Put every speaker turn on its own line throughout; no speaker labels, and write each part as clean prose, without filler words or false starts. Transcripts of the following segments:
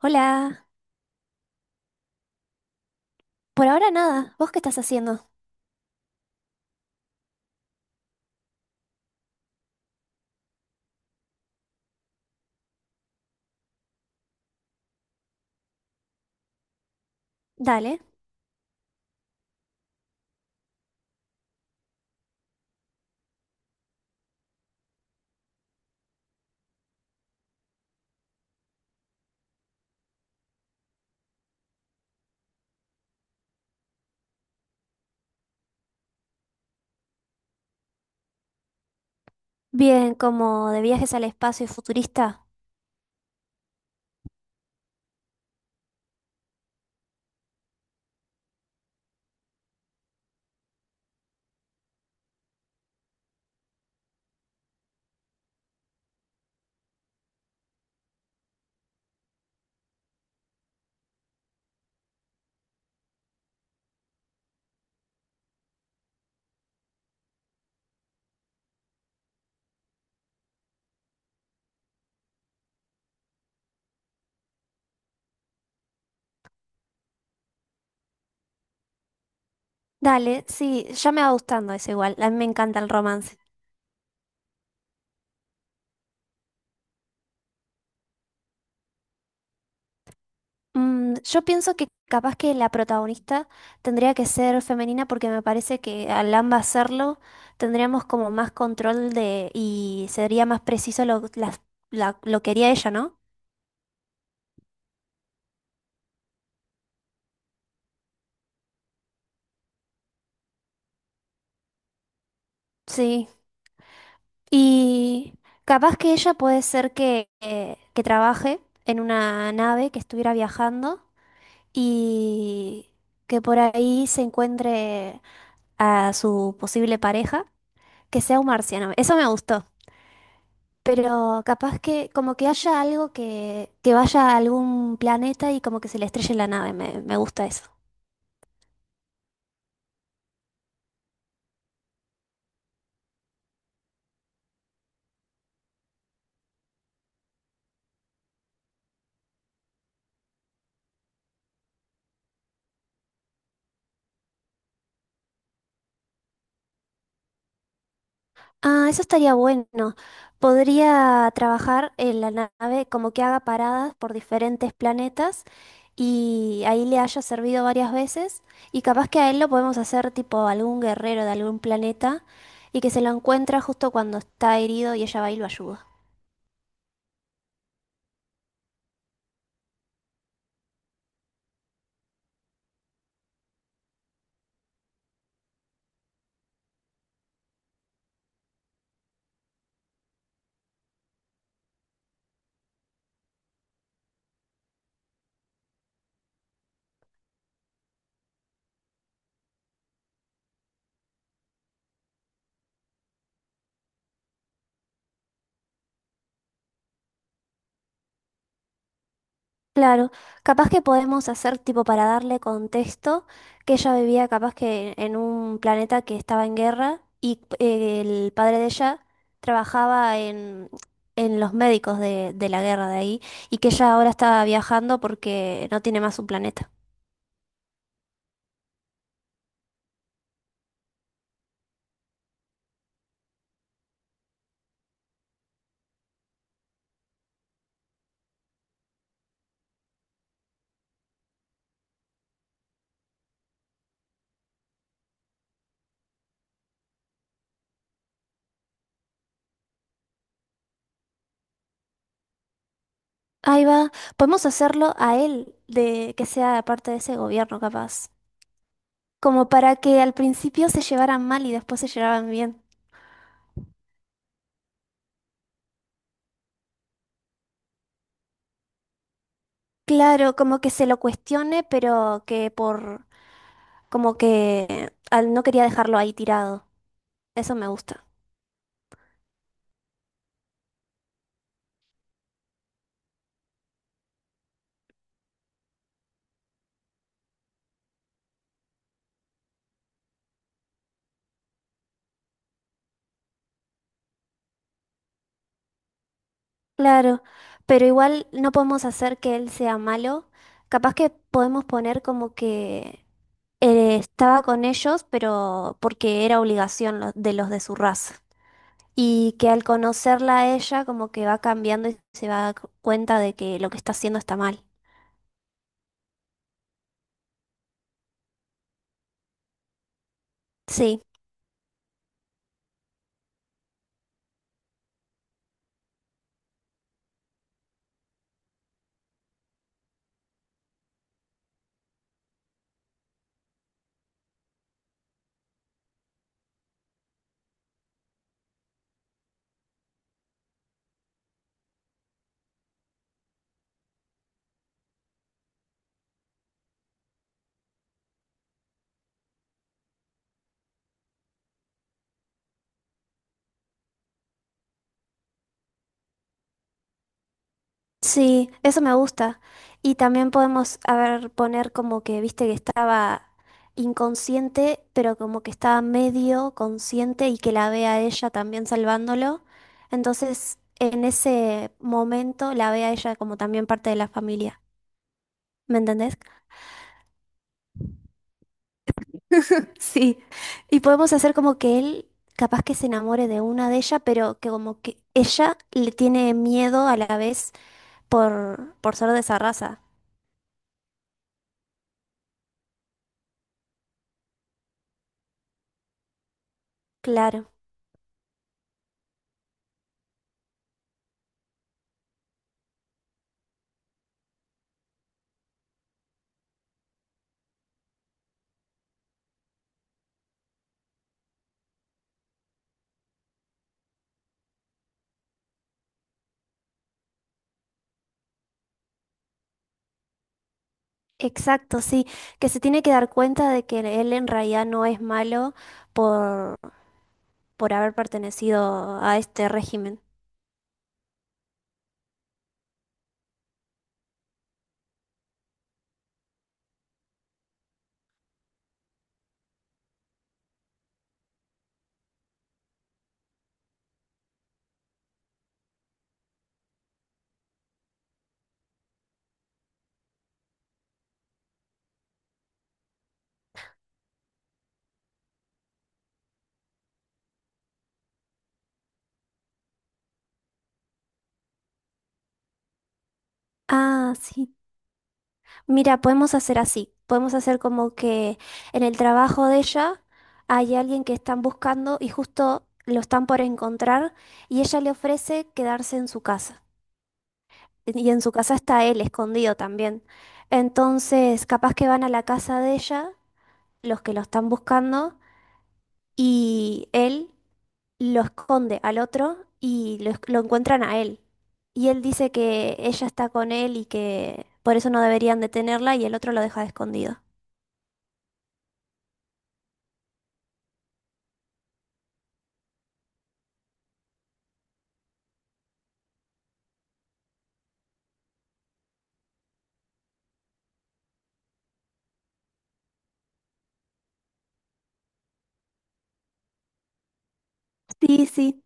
Hola, por ahora nada. ¿Vos qué estás haciendo? Dale. Bien, como de viajes al espacio y futurista. Dale, sí, ya me va gustando eso igual. A mí me encanta el romance. Yo pienso que capaz que la protagonista tendría que ser femenina porque me parece que al ambas serlo tendríamos como más control de y sería más preciso lo que haría ella, ¿no? Sí, y capaz que ella puede ser que trabaje en una nave que estuviera viajando y que por ahí se encuentre a su posible pareja, que sea un marciano. Eso me gustó. Pero capaz que como que haya algo que vaya a algún planeta y como que se le estrelle la nave. Me gusta eso. Ah, eso estaría bueno. Podría trabajar en la nave como que haga paradas por diferentes planetas y ahí le haya servido varias veces y capaz que a él lo podemos hacer tipo algún guerrero de algún planeta y que se lo encuentra justo cuando está herido y ella va y lo ayuda. Claro, capaz que podemos hacer tipo para darle contexto que ella vivía capaz que en un planeta que estaba en guerra y el padre de ella trabajaba en los médicos de la guerra de ahí y que ella ahora estaba viajando porque no tiene más un planeta. Ahí va, podemos hacerlo a él de que sea parte de ese gobierno capaz, como para que al principio se llevaran mal y después se llevaran bien. Claro, como que se lo cuestione, pero que por. Como que no quería dejarlo ahí tirado. Eso me gusta. Claro, pero igual no podemos hacer que él sea malo. Capaz que podemos poner como que estaba con ellos, pero porque era obligación de los de su raza. Y que al conocerla a ella, como que va cambiando y se va a dar cuenta de que lo que está haciendo está mal. Sí. Sí, eso me gusta. Y también podemos, a ver, poner como que, viste, que estaba inconsciente, pero como que estaba medio consciente y que la vea a ella también salvándolo. Entonces, en ese momento la vea ella como también parte de la familia. ¿Me entendés? Sí. Y podemos hacer como que él capaz que se enamore de ella, pero que como que ella le tiene miedo a la vez por ser de esa raza. Claro. Exacto, sí, que se tiene que dar cuenta de que él en realidad no es malo por, por haber pertenecido a este régimen. Ah, sí. Mira, podemos hacer así. Podemos hacer como que en el trabajo de ella hay alguien que están buscando y justo lo están por encontrar y ella le ofrece quedarse en su casa. Y en su casa está él escondido también. Entonces, capaz que van a la casa de ella, los que lo están buscando y él lo, esconde al otro y lo encuentran a él. Y él dice que ella está con él y que por eso no deberían detenerla y el otro lo deja de escondido. Sí, sí,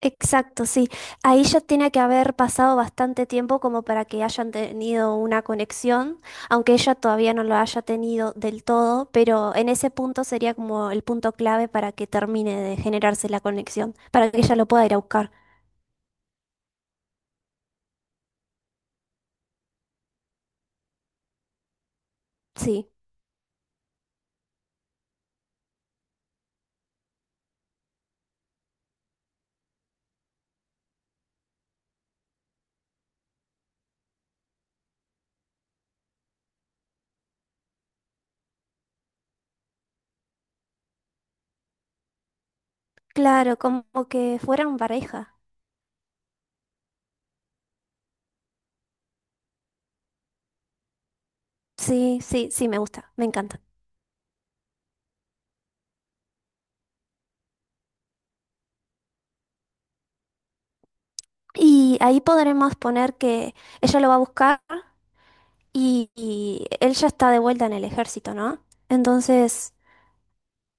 exacto, sí. Ahí ya tiene que haber pasado bastante tiempo como para que hayan tenido una conexión, aunque ella todavía no lo haya tenido del todo, pero en ese punto sería como el punto clave para que termine de generarse la conexión, para que ella lo pueda ir a buscar. Sí. Claro, como que fueran pareja. Sí, sí, sí, me gusta, me encanta. Y ahí podremos poner que ella lo va a buscar y él ya está de vuelta en el ejército, ¿no? Entonces,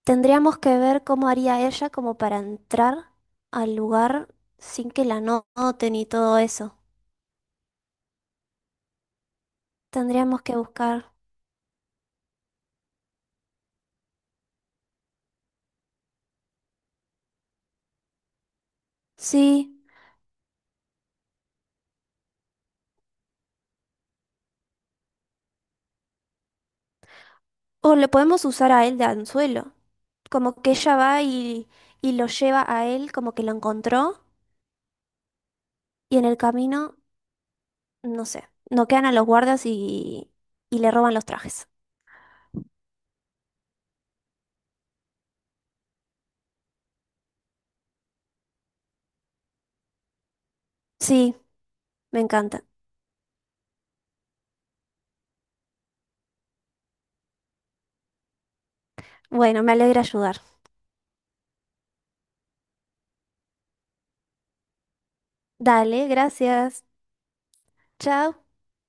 tendríamos que ver cómo haría ella como para entrar al lugar sin que la noten y todo eso. Tendríamos que buscar, sí, o le podemos usar a él de anzuelo, como que ella va y lo lleva a él como que lo encontró y en el camino... No sé, no quedan a los guardias y le roban los trajes. Sí, me encanta. Bueno, me alegra ayudar. Dale, gracias. Chao.